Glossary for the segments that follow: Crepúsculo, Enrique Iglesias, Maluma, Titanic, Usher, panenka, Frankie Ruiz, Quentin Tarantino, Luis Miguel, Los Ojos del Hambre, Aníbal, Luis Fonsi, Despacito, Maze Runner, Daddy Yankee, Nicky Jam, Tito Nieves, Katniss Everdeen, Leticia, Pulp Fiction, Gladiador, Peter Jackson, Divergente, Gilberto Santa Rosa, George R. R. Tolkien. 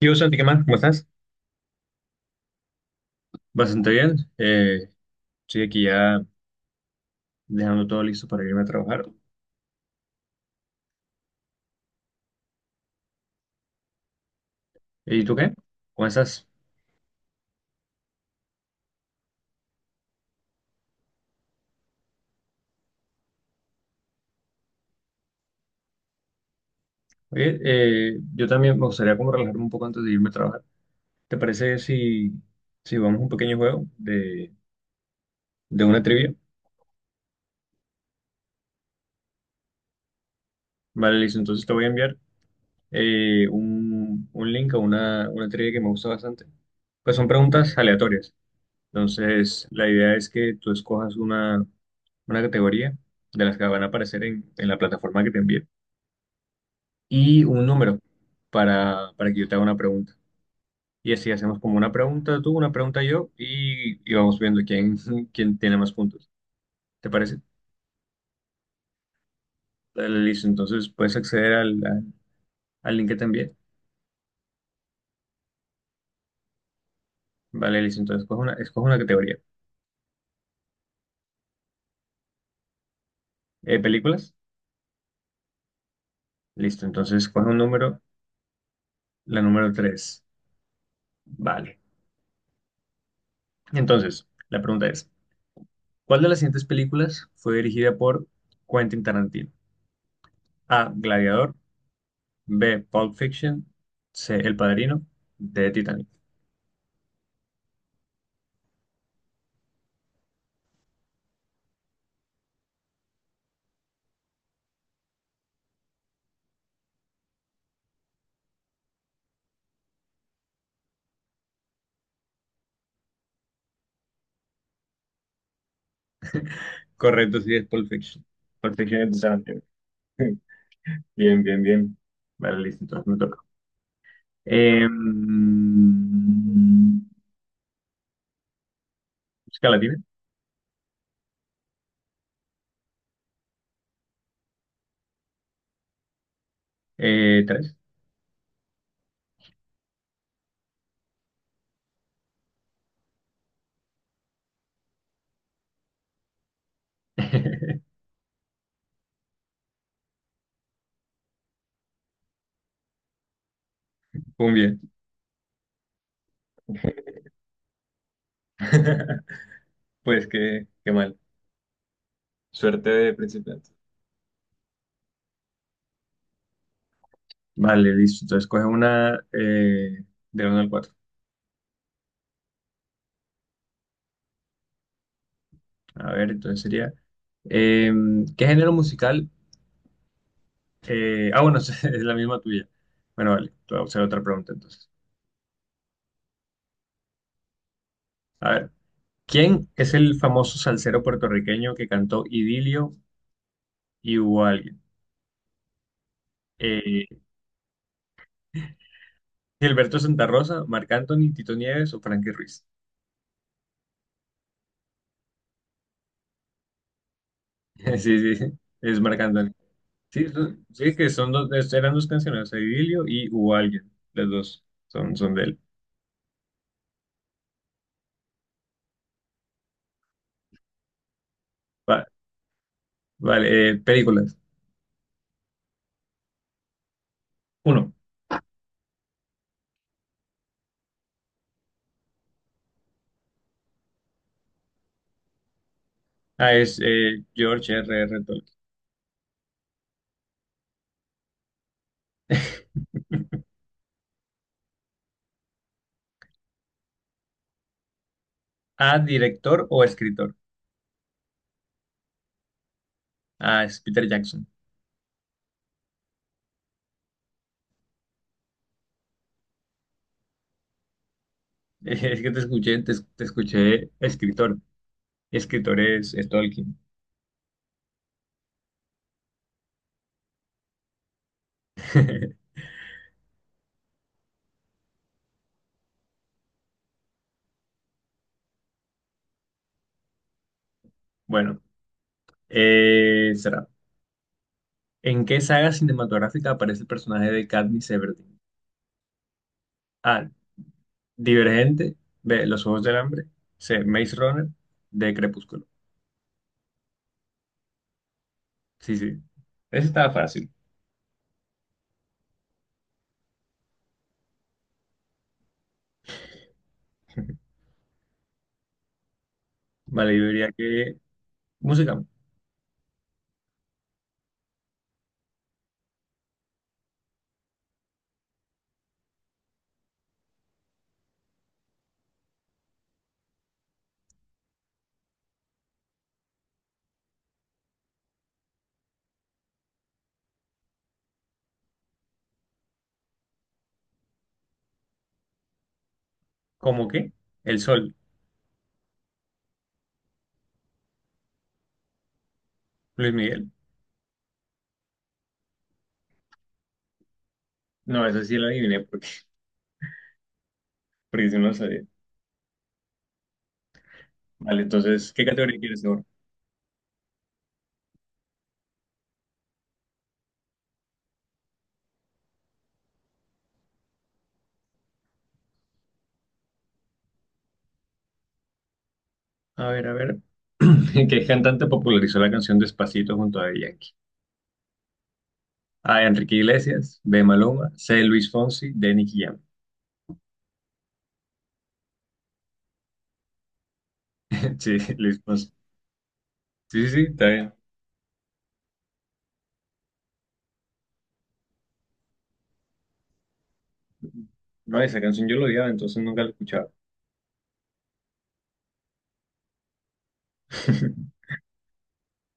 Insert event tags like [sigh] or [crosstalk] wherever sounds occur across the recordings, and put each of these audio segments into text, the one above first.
Yo, Santi, ¿qué más? ¿Cómo estás? Bastante bien. Estoy aquí ya dejando todo listo para irme a trabajar. ¿Y tú qué? ¿Cómo estás? Oye, yo también me gustaría como relajarme un poco antes de irme a trabajar. ¿Te parece si vamos a un pequeño juego de una trivia? Vale, listo. Entonces te voy a enviar un link a una trivia que me gusta bastante. Pues son preguntas aleatorias. Entonces, la idea es que tú escojas una categoría de las que van a aparecer en la plataforma que te envíe y un número para que yo te haga una pregunta. Y así hacemos como una pregunta tú, una pregunta yo y vamos viendo quién, [laughs] quién tiene más puntos. ¿Te parece? Dale, listo. Entonces puedes acceder al link que te envié. Vale, listo. Entonces escoge una categoría. ¿Películas? Listo. Entonces coge un número, la número tres. Vale. Entonces, la pregunta es, ¿cuál de las siguientes películas fue dirigida por Quentin Tarantino? A. Gladiador. B. Pulp Fiction. C. El Padrino. D. Titanic. Correcto, sí, es Pulp Fiction. Pulp Fiction es de Tarantino. [laughs] Bien, bien, bien. Vale, listo, entonces me toca. Música latina. Tres. [laughs] Muy bien. [laughs] Pues qué mal. Suerte de principiante. Vale, listo. Entonces coge una del uno al 4. A ver, entonces sería. eh, ¿Qué género musical? Ah, bueno, [laughs] es la misma tuya. Bueno, vale, te voy a hacer otra pregunta entonces. A ver, ¿quién es el famoso salsero puertorriqueño que cantó Idilio y hubo alguien? Eh, Gilberto Santa Rosa, Marc Anthony, Tito Nieves o Frankie Ruiz. [laughs] Sí, sí, sí, es Marc Anthony. Sí, sí, que son dos, eran dos canciones, Idilio y hubo alguien. Las dos son de él. Va- vale, películas. Uno. Ah, es George R. R. Tolkien. [laughs] A, director o escritor. Ah, es Peter Jackson. [laughs] Es que te escuché, te escuché escritor. Escritor es Tolkien. [laughs] Bueno, será. ¿En qué saga cinematográfica aparece el personaje de Katniss Everdeen? A. Divergente. B. Los Ojos del Hambre. C. Maze Runner. D. Crepúsculo. Sí, sí. Ese estaba fácil. [laughs] Vale, yo diría que música. ¿Cómo qué? El Sol, Luis Miguel. No, esa sí la adiviné porque sí no lo sabía. Vale, entonces, ¿qué categoría quieres ahora? A ver, a ver. [laughs] ¿Qué cantante popularizó la canción Despacito junto a Daddy Yankee? A. Enrique Iglesias, B. Maluma, C. Luis Fonsi, D. Nicky Jam. [laughs] Sí, Luis Fonsi. Sí, sí, sí, está bien. No, esa canción yo lo odiaba, entonces nunca la escuchaba. [laughs]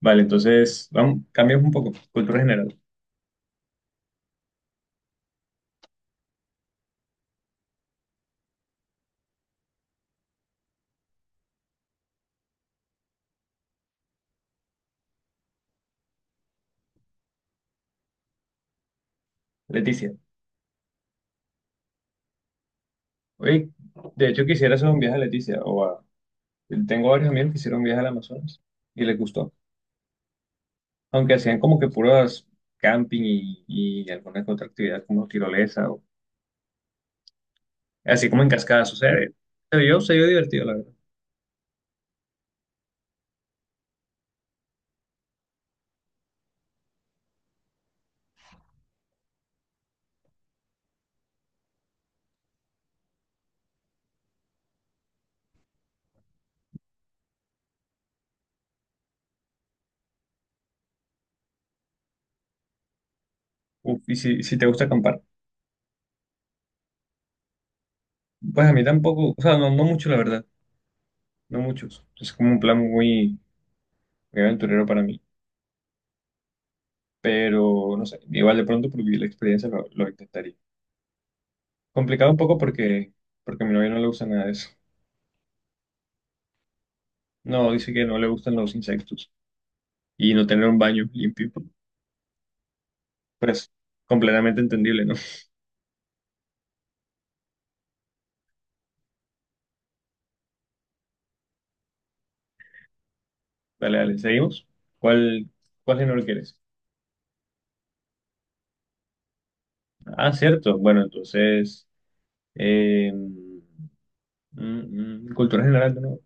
Vale, entonces, vamos, cambiamos un poco. Cultura general. Leticia. Oye, de hecho quisiera hacer un viaje a Leticia. Tengo varios amigos que hicieron un viaje al Amazonas y les gustó. Aunque hacían como que puras camping y alguna que otra actividad como tirolesa o así como en cascada sucede. Pero yo se vio divertido, la verdad. Uf, y si te gusta acampar. Pues a mí tampoco, o sea, no mucho, la verdad, no muchos. Es como un plan muy, muy aventurero para mí, pero no sé, igual de pronto por vivir la experiencia lo intentaría. Complicado un poco porque a mi novia no le gusta nada de eso. No, dice que no le gustan los insectos y no tener un baño limpio. Pero es completamente entendible, ¿no? [laughs] Dale, dale, seguimos. ¿Cuál, cuál género quieres? Ah, cierto. Bueno, entonces, eh, mm, cultura general, ¿no?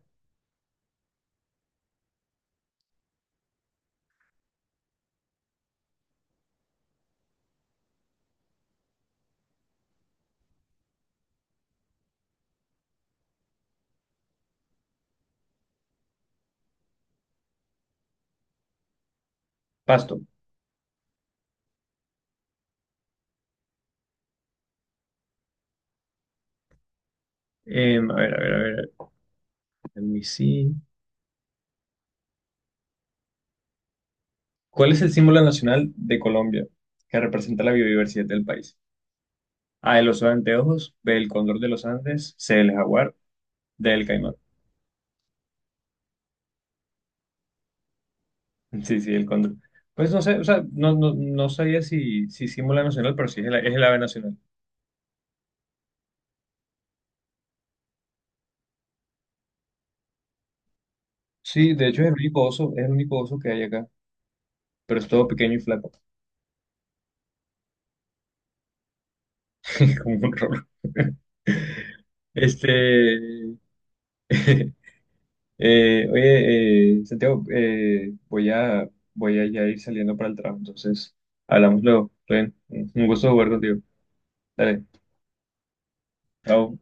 Pasto. A ver, a ver, a ver, let me see. ¿Cuál es el símbolo nacional de Colombia que representa la biodiversidad del país? A, el oso de anteojos, B, el cóndor de los Andes, C, el jaguar, D, el caimán. [laughs] Sí, sí, el cóndor. Pues no sé, o sea, no sabía si símbolo nacional, pero sí es el, ave nacional. Sí, de hecho es el único oso que hay acá, pero es todo pequeño y flaco, [laughs] como un rolo. [laughs] Este, [laughs] oye, Santiago, voy a, ya ir saliendo para el trabajo, entonces hablamos luego. Está bien. Un gusto jugar contigo. Dale, chao.